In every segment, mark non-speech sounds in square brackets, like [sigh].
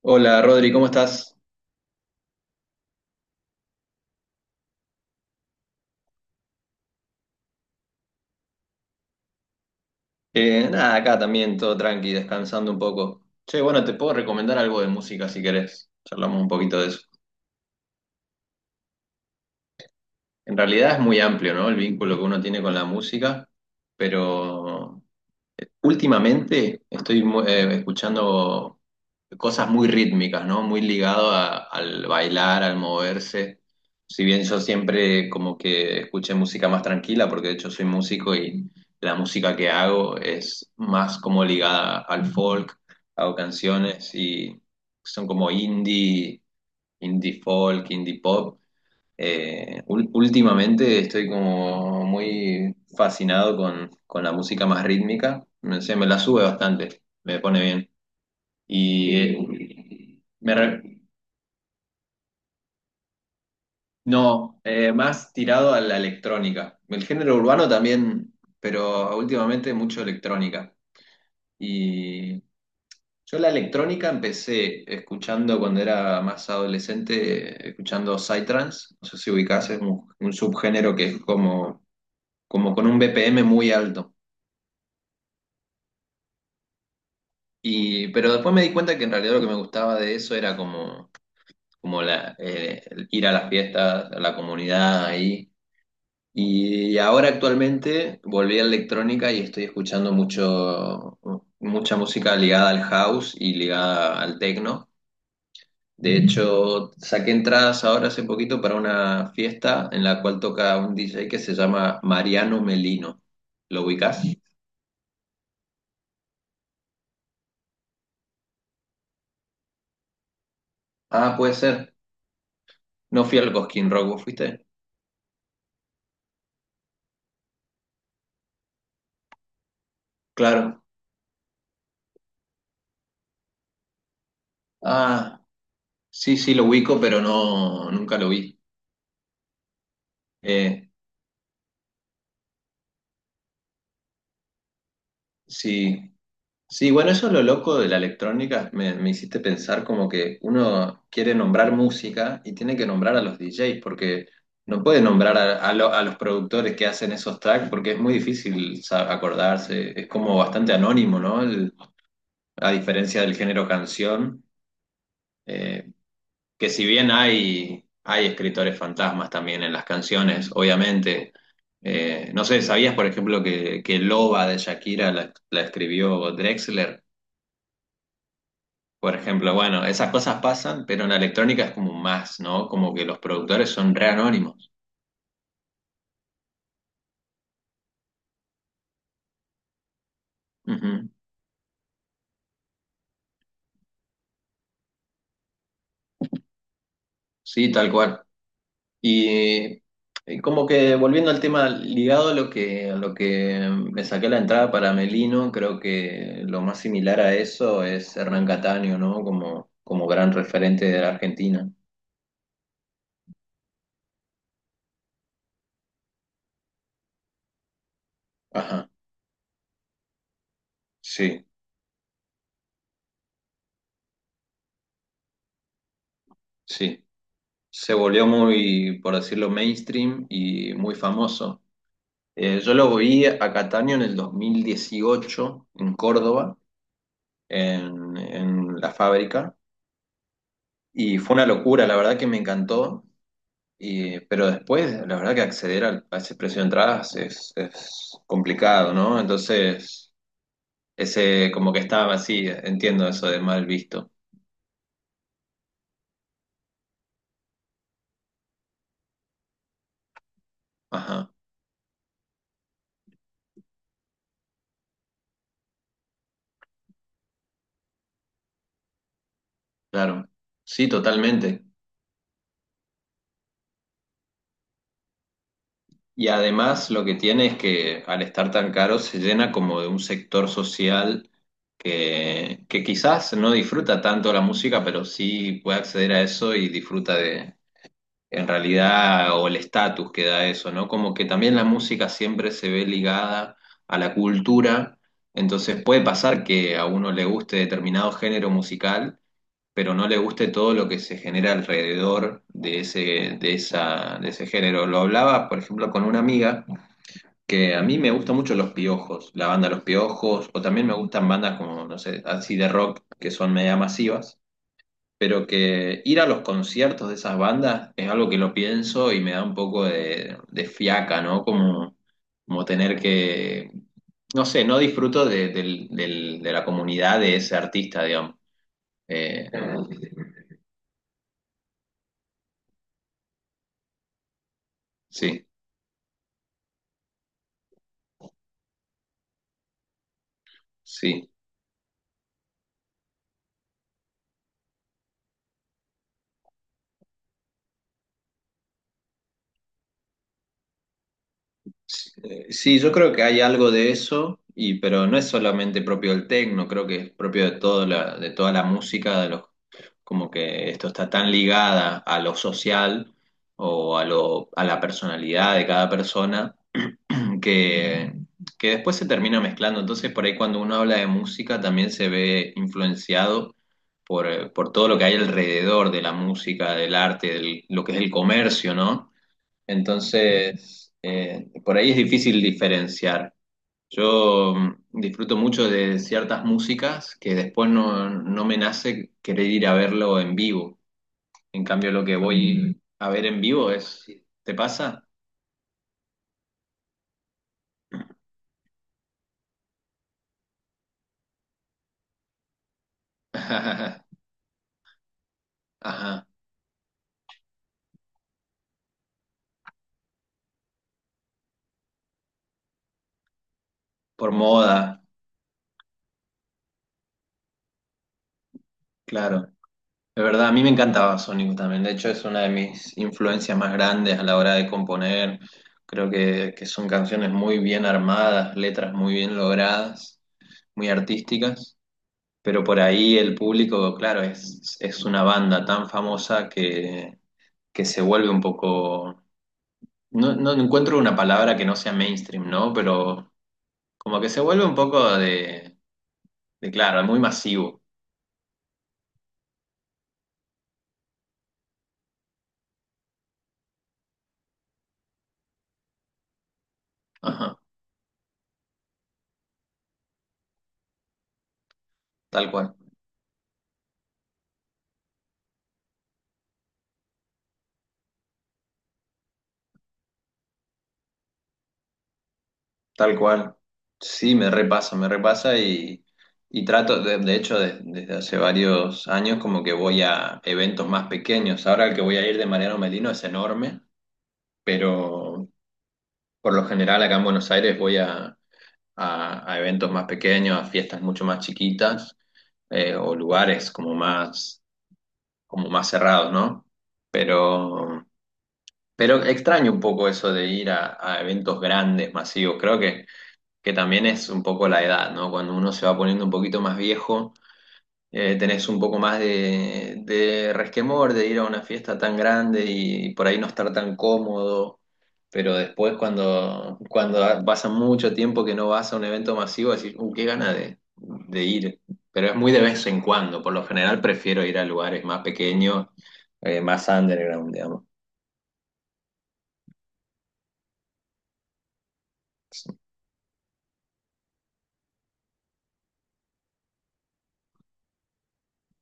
Hola Rodri, ¿cómo estás? Nada, acá también todo tranqui, descansando un poco. Che, bueno, te puedo recomendar algo de música si querés. Charlamos un poquito de eso. En realidad es muy amplio, ¿no? El vínculo que uno tiene con la música, pero últimamente estoy escuchando cosas muy rítmicas, ¿no? Muy ligado al bailar, al moverse. Si bien yo siempre como que escuché música más tranquila, porque de hecho soy músico y la música que hago es más como ligada al folk, hago canciones y son como indie, indie folk, indie pop. Últimamente estoy como muy fascinado con la música más rítmica. Se me la sube bastante, me pone bien. Y eh, me re- no, más tirado a la electrónica. El género urbano también, pero últimamente mucho electrónica. Y yo la electrónica empecé escuchando cuando era más adolescente, escuchando psytrance. No sé si ubicás, es un subgénero que es como con un BPM muy alto. Pero después me di cuenta que en realidad lo que me gustaba de eso era como el ir a las fiestas, a la comunidad ahí. Y ahora actualmente volví a electrónica y estoy escuchando mucha música ligada al house y ligada al techno. De hecho, saqué entradas ahora hace poquito para una fiesta en la cual toca un DJ que se llama Mariano Melino. ¿Lo ubicás? Ah, puede ser. No fui al Cosquín Rock, ¿vos fuiste? Claro. Ah, sí, sí, lo ubico, pero no, nunca lo vi. Eh, sí, sí, bueno, eso es lo loco de la electrónica. Me hiciste pensar como que uno quiere nombrar música y tiene que nombrar a los DJs, porque no puede nombrar a los productores que hacen esos tracks, porque es muy difícil acordarse. Es como bastante anónimo, ¿no? A diferencia del género canción. eh, que si bien hay escritores fantasmas también en las canciones, obviamente, no sé, ¿sabías, por ejemplo, que Loba de Shakira la escribió Drexler? Por ejemplo, bueno, esas cosas pasan, pero en la electrónica es como más, ¿no? Como que los productores son re anónimos. Ujú. Sí, tal cual. Y eh, Como que volviendo al tema ligado a lo que me saqué la entrada para Melino, creo que lo más similar a eso es Hernán Cataño, ¿no? Como gran referente de la Argentina. Ajá, sí, sí. Se volvió muy, por decirlo, mainstream y muy famoso. Yo lo vi a Cataño en el 2018 en Córdoba, en la fábrica, y fue una locura, la verdad que me encantó. Pero después, la verdad que acceder a ese precio de entradas es complicado, ¿no? Entonces, ese como que estaba así, entiendo eso de mal visto. Ajá, claro. Sí, totalmente. Y además lo que tiene es que al estar tan caro se llena como de un sector social que quizás no disfruta tanto la música, pero sí puede acceder a eso y disfruta de en realidad, o el estatus que da eso, ¿no? Como que también la música siempre se ve ligada a la cultura, entonces puede pasar que a uno le guste determinado género musical, pero no le guste todo lo que se genera alrededor de de ese género. Lo hablaba, por ejemplo, con una amiga que a mí me gustan mucho Los Piojos, la banda Los Piojos, o también me gustan bandas como, no sé, así de rock, que son media masivas pero que ir a los conciertos de esas bandas es algo que lo pienso y me da un poco de fiaca, ¿no? Como tener que, no sé, no disfruto de la comunidad de ese artista, digamos. Claro. Sí, sí. Sí, yo creo que hay algo de eso, pero no es solamente propio del techno. Creo que es propio de toda la música, de los, como que esto está tan ligada a lo social o a la personalidad de cada persona, que, que después se termina mezclando. Entonces, por ahí cuando uno habla de música también se ve influenciado por todo lo que hay alrededor de la música, del arte, de lo que es el comercio, ¿no? Entonces, por ahí es difícil diferenciar. Yo disfruto mucho de ciertas músicas que después no me nace querer ir a verlo en vivo. En cambio, lo que voy a ver en vivo es. ¿Te pasa? [laughs] Ajá, por moda, claro. De verdad, a mí me encantaba Sonic también. De hecho, es una de mis influencias más grandes a la hora de componer. Creo que son canciones muy bien armadas, letras muy bien logradas, muy artísticas. Pero por ahí el público, claro, es una banda tan famosa que se vuelve un poco, no encuentro una palabra que no sea mainstream, ¿no? Pero como que se vuelve un poco de claro, muy masivo. Ajá, tal cual, tal cual. Sí, me repasa y trato, de hecho, desde hace varios años como que voy a eventos más pequeños. Ahora el que voy a ir de Mariano Melino es enorme, pero por lo general acá en Buenos Aires voy a eventos más pequeños, a fiestas mucho más chiquitas o lugares como más cerrados, ¿no? Pero, pero extraño un poco eso de ir a eventos grandes, masivos. Creo que también es un poco la edad, ¿no? Cuando uno se va poniendo un poquito más viejo, tenés un poco más de resquemor de ir a una fiesta tan grande y por ahí no estar tan cómodo, pero después cuando pasa mucho tiempo que no vas a un evento masivo, decís, qué gana de ir, pero es muy de vez en cuando, por lo general prefiero ir a lugares más pequeños, más underground, digamos.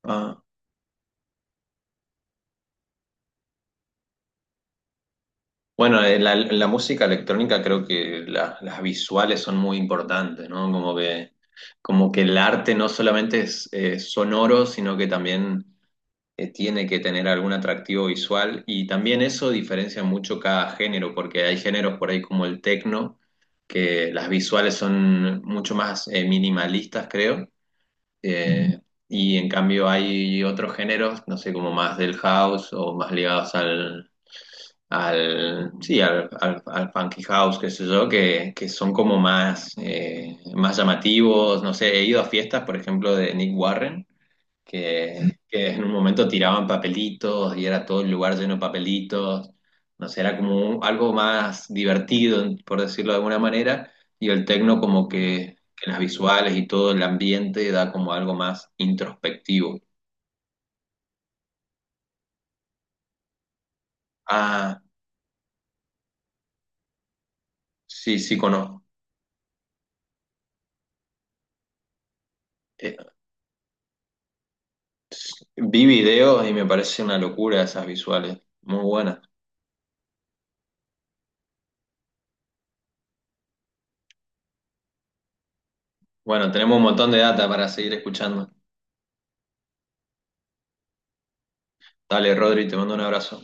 Ah. Bueno, en la música electrónica creo que las visuales son muy importantes, ¿no? Como que el arte no solamente es sonoro, sino que también tiene que tener algún atractivo visual. Y también eso diferencia mucho cada género, porque hay géneros por ahí como el techno, que las visuales son mucho más minimalistas, creo. Eh, y en cambio hay otros géneros, no sé, como más del house o más ligados sí, al funky house, qué sé yo, que son como más llamativos. No sé, he ido a fiestas, por ejemplo, de Nick Warren, que en un momento tiraban papelitos y era todo el lugar lleno de papelitos. No sé, era como algo más divertido, por decirlo de alguna manera, y el techno como que las visuales y todo el ambiente da como algo más introspectivo. Ah, sí, sí, conozco. Vi videos y me parece una locura esas visuales. Muy buenas. Bueno, tenemos un montón de data para seguir escuchando. Dale, Rodri, te mando un abrazo.